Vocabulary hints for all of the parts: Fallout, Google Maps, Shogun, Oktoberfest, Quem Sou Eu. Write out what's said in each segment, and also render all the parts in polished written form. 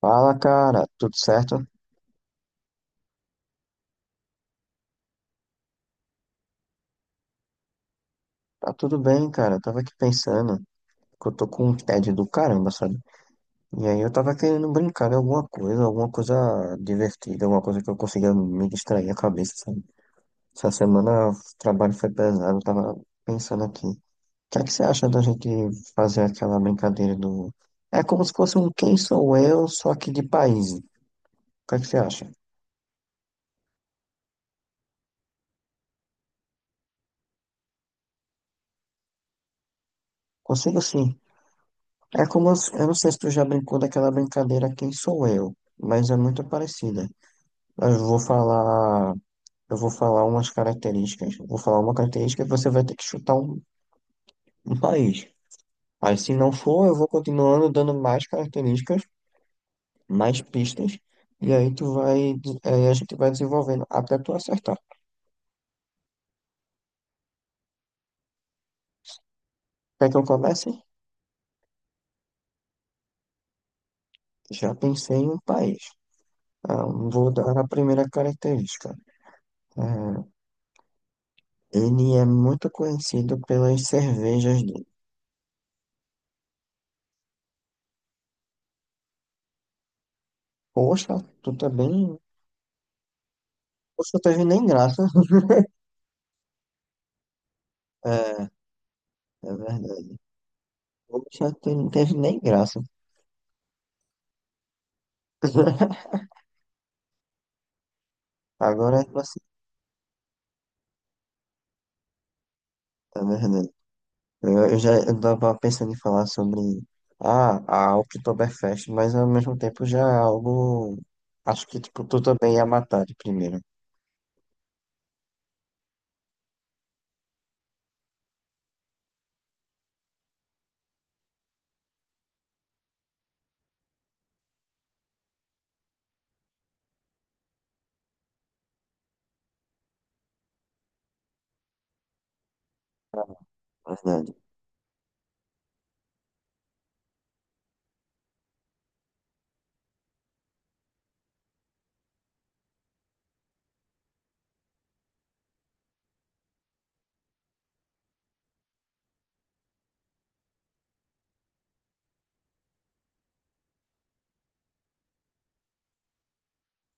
Fala, cara, tudo certo? Tá tudo bem, cara. Eu tava aqui pensando que eu tô com um tédio do caramba, sabe? E aí eu tava querendo brincar de alguma coisa divertida, alguma coisa que eu consiga me distrair a cabeça, sabe? Essa semana o trabalho foi pesado, eu tava pensando aqui. O que é que você acha da gente fazer aquela brincadeira do. É como se fosse um Quem Sou Eu, só que de país. O que é que você acha? Consigo sim. É como. Eu não sei se tu já brincou daquela brincadeira Quem Sou Eu, mas é muito parecida. Mas eu vou falar umas características. Eu vou falar uma característica e você vai ter que chutar um país. Aí, se não for, eu vou continuando dando mais características, mais pistas, e aí tu vai, aí a gente vai desenvolvendo até tu acertar. Quer que eu comece? Já pensei em um país. Ah, vou dar a primeira característica. Ah, Ele é muito conhecido pelas cervejas dele. Poxa, tu tá bem. Poxa, teve nem graça. É, é verdade. Poxa, tu não teve nem graça. Agora é pra citar, na verdade. Eu tava pensando em falar sobre a Oktoberfest, mas ao mesmo tempo já é algo. Acho que tipo, tu também ia matar de primeira. Na verdade.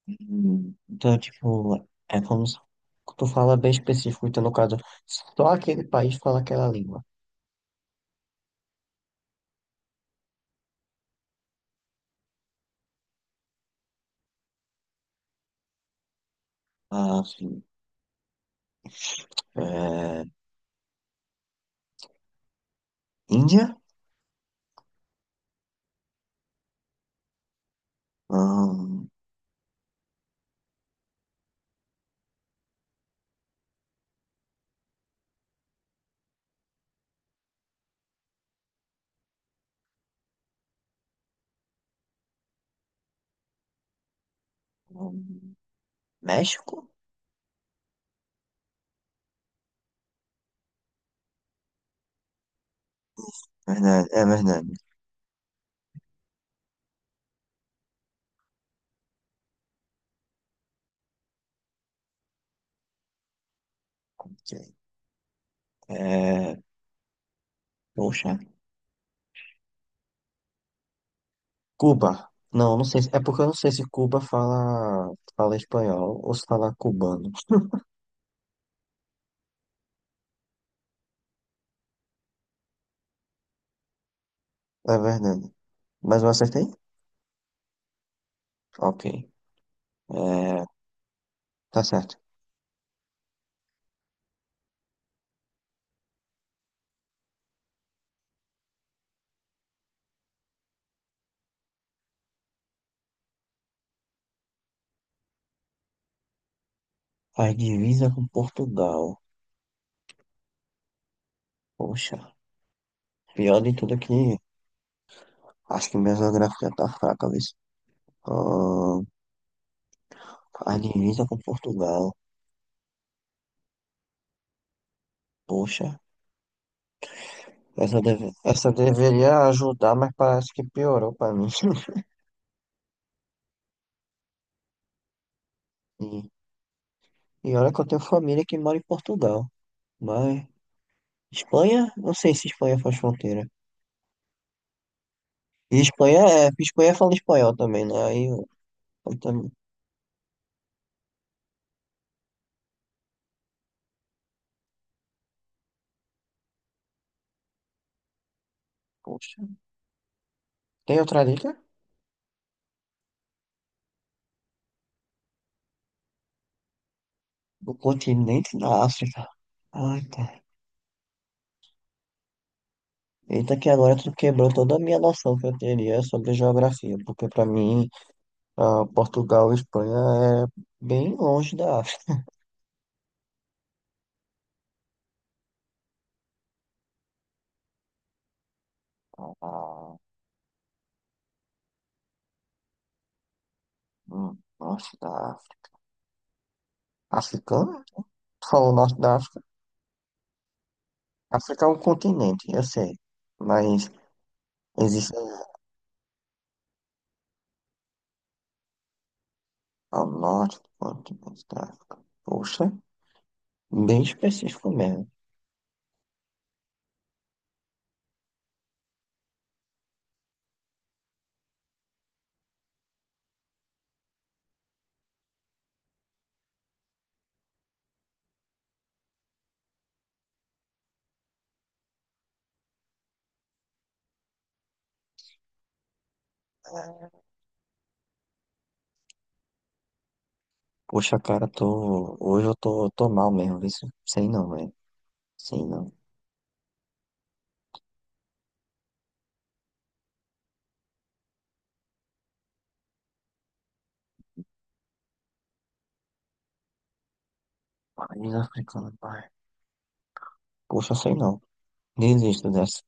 Então, tipo, é como se tu fala bem específico, então no caso, só aquele país fala aquela língua. Ah, sim. É, Índia? Hum, hum, México? Verdade, é verdade. Ok. É, poxa. Cuba. Não, não sei se- é porque eu não sei se Cuba fala, fala espanhol ou se fala cubano. É verdade. Mas eu acertei? Ok. É, tá certo. Faz divisa com Portugal. Poxa. Pior de tudo é que acho que minha geografia tá fraca, viu? Ahn, faz divisa com Portugal. Poxa. Essa, deve... Essa deveria ajudar, mas parece que piorou pra mim. E, e olha que eu tenho família que mora em Portugal. Mas. Espanha? Não sei se Espanha faz fronteira. E Espanha é. Espanha fala espanhol também, né? Aí eu também. Poxa. Tem outra dica? Do continente da África. Ai, tá. Eita, que agora tu quebrou toda a minha noção que eu teria sobre geografia, porque pra mim, ah, Portugal e Espanha é bem longe da África. Ah, ah, norte da África. Africana? Tu falou norte da África? África é um continente, eu sei. Mas existe. Ao norte do ponto de vista da África. Poxa, bem específico mesmo. Poxa, cara, tô... hoje eu tô, tô mal mesmo, isso sei não, velho. Sei não. País africano, pai. Poxa, sei não. Desisto dessa.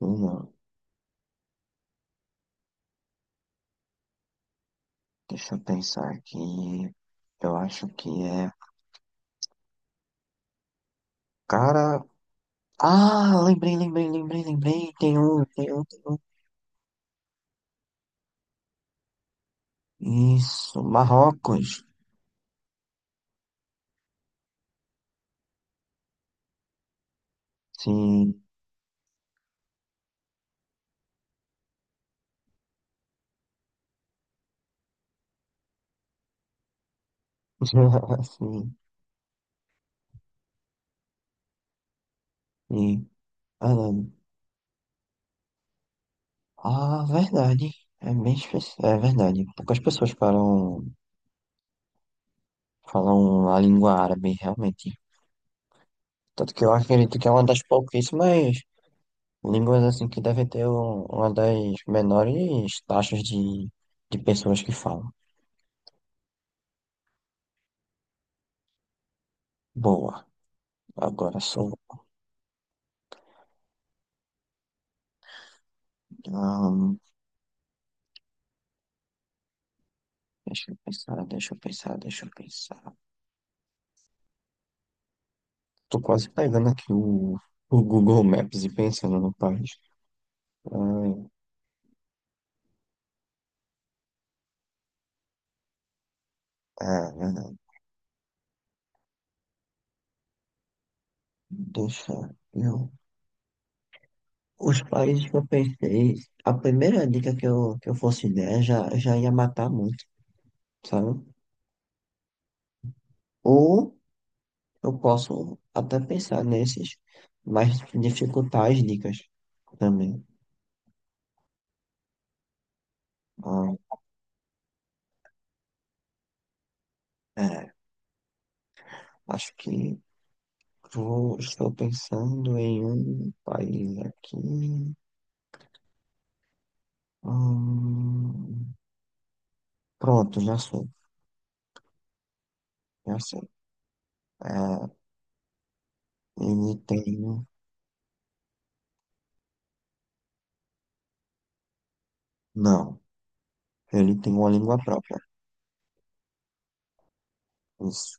Não, deixa eu pensar aqui. Eu acho que é. Cara. Ah, lembrei. Tem um. Isso, Marrocos. Sim. Sim. Sim. Ah, não. Ah, verdade. É bem específico. É verdade. Poucas pessoas falam, falam a língua árabe, realmente. Tanto que eu acredito que é uma das pouquíssimas línguas assim que devem ter um- uma das menores taxas de pessoas que falam. Boa. Agora sou. Ahn, deixa eu pensar, deixa eu pensar, deixa eu pensar. Tô quase pegando aqui o Google Maps e pensando no país. Ai, ah, ah, deixa eu. Os países que eu pensei, a primeira dica que eu fosse der já, já ia matar muito, sabe? Ou eu posso até pensar nesses, mas dificultar as dicas também. Ah, é, acho que vou, estou pensando em um país aqui. Hum, pronto, já sei, já sei. É, ele tem. Não, ele tem uma língua própria. Isso.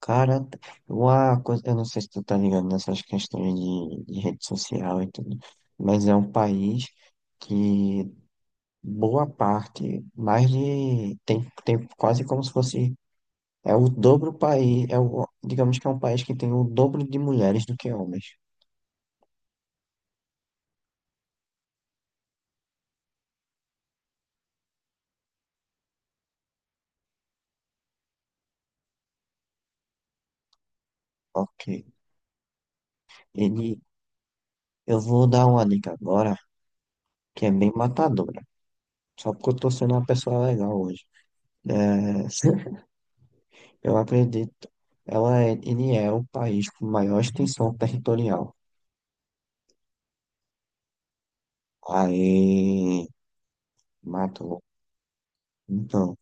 Cara, uma coisa, eu não sei se tu tá ligado nessas questões de rede social e tudo, mas é um país que boa parte, mais de, tem, tem quase como se fosse, é o dobro país, é o, digamos que é um país que tem o dobro de mulheres do que homens. Ok. Ele, eu vou dar uma dica agora, que é bem matadora, só porque eu tô sendo uma pessoa legal hoje. É, eu acredito. Ela é, ele é o país com maior extensão territorial. Aí, matou. Então,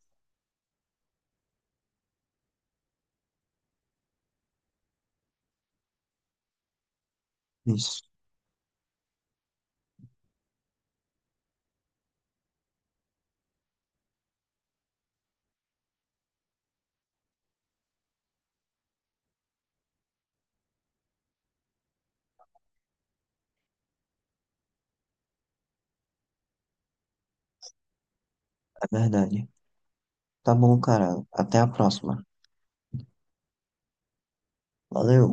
isso, é verdade. Tá bom, cara. Até a próxima. Valeu.